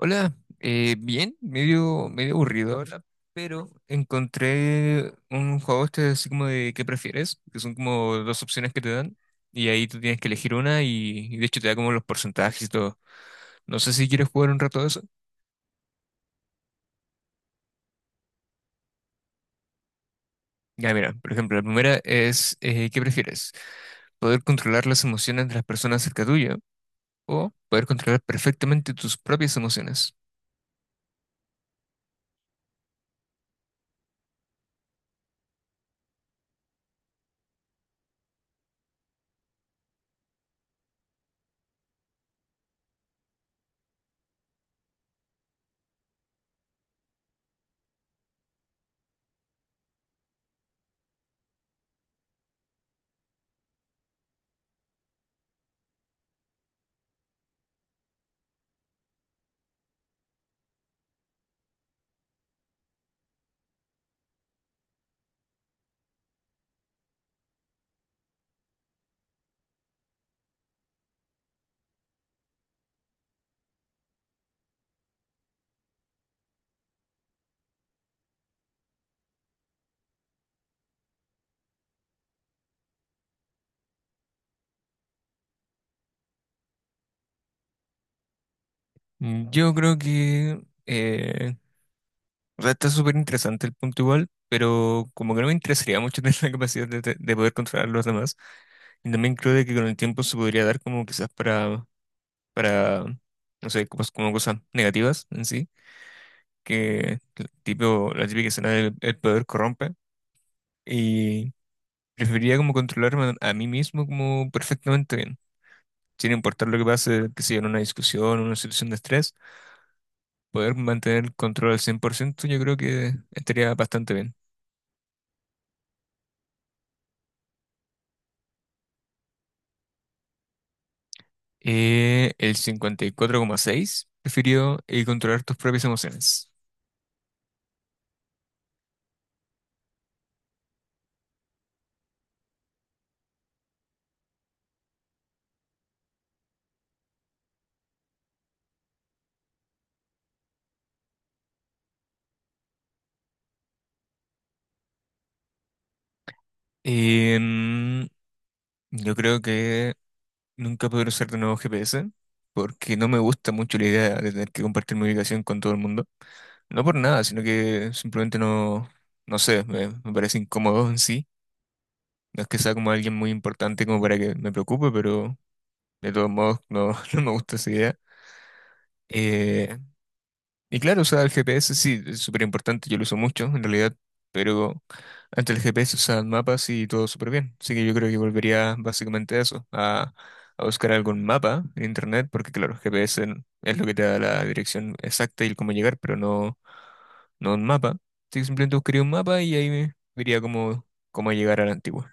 Hola, bien, medio aburrido ahora, pero encontré un juego este así como de ¿qué prefieres? Que son como dos opciones que te dan y ahí tú tienes que elegir una y de hecho te da como los porcentajes y todo. No sé si quieres jugar un rato de eso. Ya, mira, por ejemplo, la primera es ¿qué prefieres? ¿Poder controlar las emociones de las personas cerca tuya o poder controlar perfectamente tus propias emociones? Mm, yo creo que eh, o sea, está súper interesante el punto igual, pero como que no me interesaría mucho tener la capacidad de poder controlar a los demás. Y también creo de que con el tiempo se podría dar como quizás para, no sé, como cosas negativas en sí, que el tipo, la típica escena del el poder corrompe. Y preferiría como controlarme a mí mismo como perfectamente bien. Sin importar lo que pase, que sea en una discusión, en una situación de estrés, poder mantener el control al 100%. Yo creo que estaría bastante bien. El 54,6 prefirió controlar tus propias emociones. Em, yo creo que nunca podré usar de nuevo GPS porque no me gusta mucho la idea de tener que compartir mi ubicación con todo el mundo. No por nada, sino que simplemente no, no sé, me parece incómodo en sí. No es que sea como alguien muy importante como para que me preocupe, pero de todos modos no, no me gusta esa idea. Eh, Y claro, o sea, el GPS sí es súper importante, yo lo uso mucho en realidad, pero antes el GPS usaban mapas y todo súper bien. Así que yo creo que volvería básicamente a eso, a buscar algún mapa en internet, porque claro, es lo que te da la dirección exacta y el cómo llegar, pero no, no un mapa. Así que simplemente buscaría un mapa y ahí me vería cómo, cómo llegar a la antigua.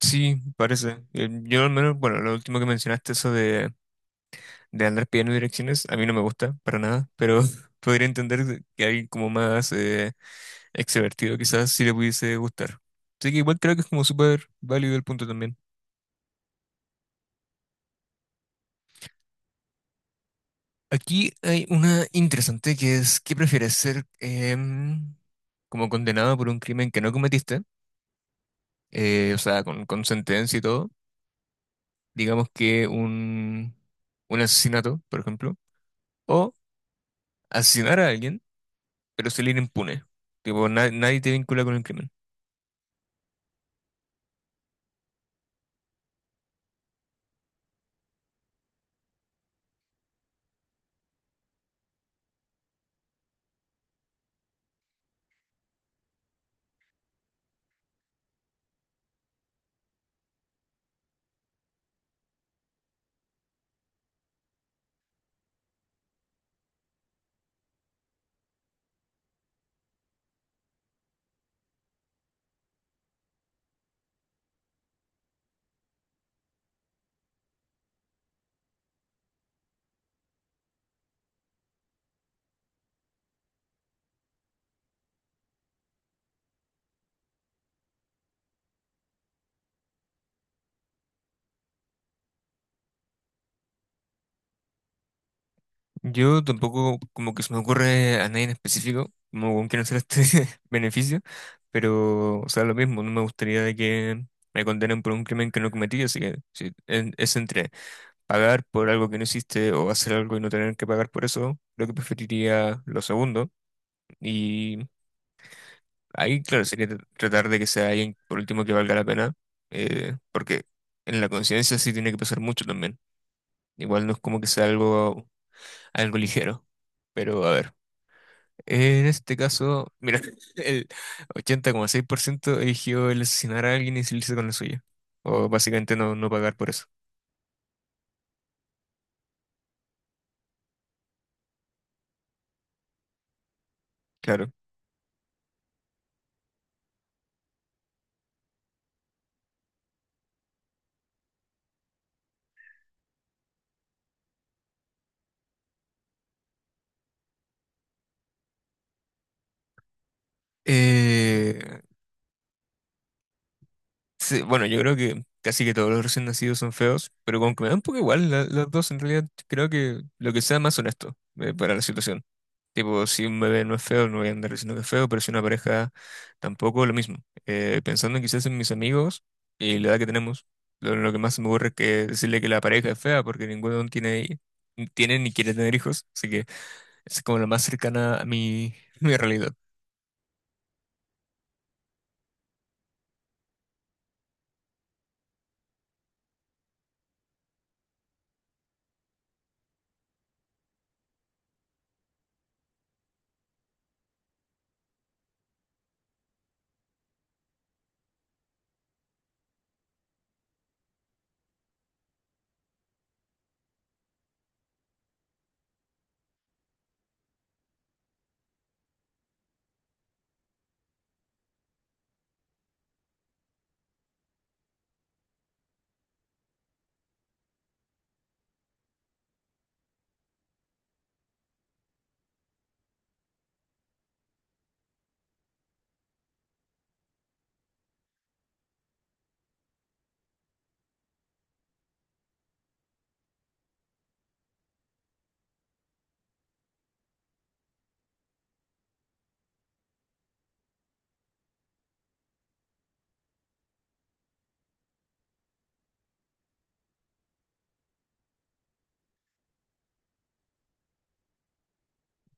Sí, parece. Yo al menos, bueno, lo último que mencionaste, eso de andar pidiendo direcciones, a mí no me gusta para nada, pero podría entender que alguien como más extrovertido quizás sí le pudiese gustar. Así que igual creo que es como súper válido el punto también. Aquí hay una interesante que es, ¿qué prefieres ser em, como condenado por un crimen que no cometiste? O sea, con sentencia y todo. Digamos que un asesinato, por ejemplo. O asesinar a alguien, pero salir impune. Tipo, nadie te vincula con el crimen. Yo tampoco como que se me ocurre a nadie en específico, como con quién hacer este beneficio, pero, o sea, lo mismo, no me gustaría de que me condenen por un crimen que no cometí, así que si es entre pagar por algo que no hiciste o hacer algo y no tener que pagar por eso, creo que preferiría lo segundo, y ahí, claro, sería tratar de que sea alguien por último que valga la pena, porque en la conciencia sí tiene que pesar mucho también, igual no es como que sea algo, algo ligero, pero a ver. En este caso, mira, el 80,6% eligió el asesinar a alguien y salirse con la suya. O básicamente no, no pagar por eso. Claro. Eh, sí, bueno, yo creo que casi que todos los recién nacidos son feos, pero como que me da un poco igual las dos, en realidad creo que lo que sea más honesto para la situación. Tipo, si un bebé no es feo, no voy a andar diciendo que es feo, pero si una pareja tampoco, lo mismo. Pensando quizás en mis amigos y la edad que tenemos, lo que más se me ocurre es que decirle que la pareja es fea porque ninguno tiene, tiene ni quiere tener hijos, así que es como la más cercana a mi, mi realidad.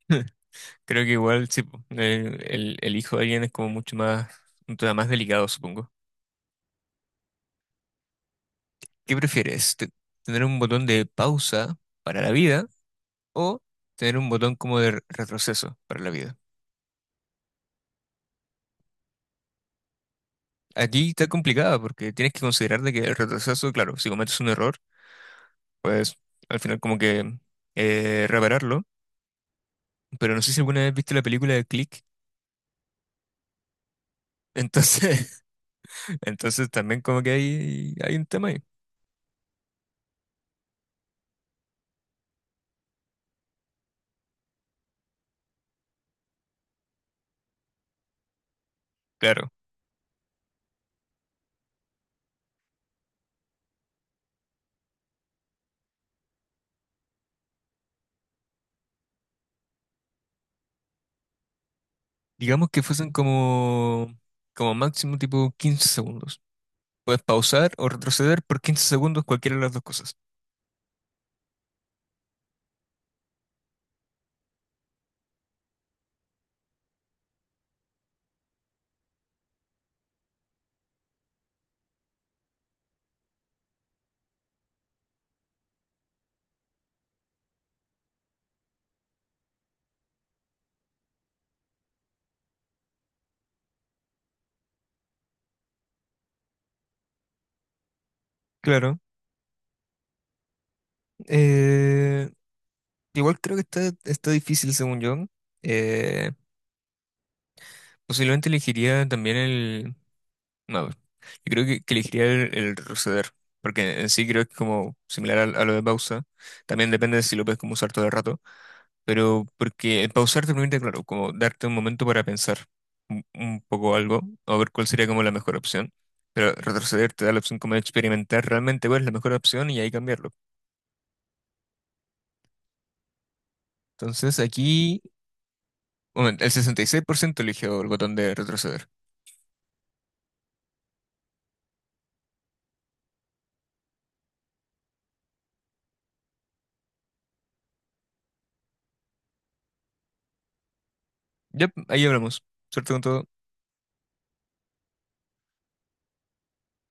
Creo que igual, sí, po, el hijo de alguien es como mucho más, un tema más delicado, supongo. ¿Qué prefieres? ¿Te- ¿Tener un botón de pausa para la vida o tener un botón como de retroceso para la vida? Aquí está complicada porque tienes que considerar de que el retroceso, claro, si cometes un error, pues al final como que repararlo. Pero no sé si alguna vez viste la película de Click. Entonces, entonces también como que hay un tema ahí. Claro. Digamos que fuesen como, como máximo tipo 15 segundos. Puedes pausar o retroceder por 15 segundos cualquiera de las dos cosas. Claro. eh, Igual creo que está, está difícil según yo. Eh, Posiblemente elegiría también el... No, yo creo que elegiría el retroceder, porque en sí creo que es como similar a, lo de pausa, también depende de si lo puedes como usar todo el rato, pero porque el pausar te permite, claro, como darte un momento para pensar un poco algo, o ver cuál sería como la mejor opción, pero retroceder te da la opción como de experimentar realmente cuál es la mejor opción y ahí cambiarlo. Entonces aquí, bueno, el 66% eligió el botón de retroceder. Ya, ahí hablamos. Suerte con todo.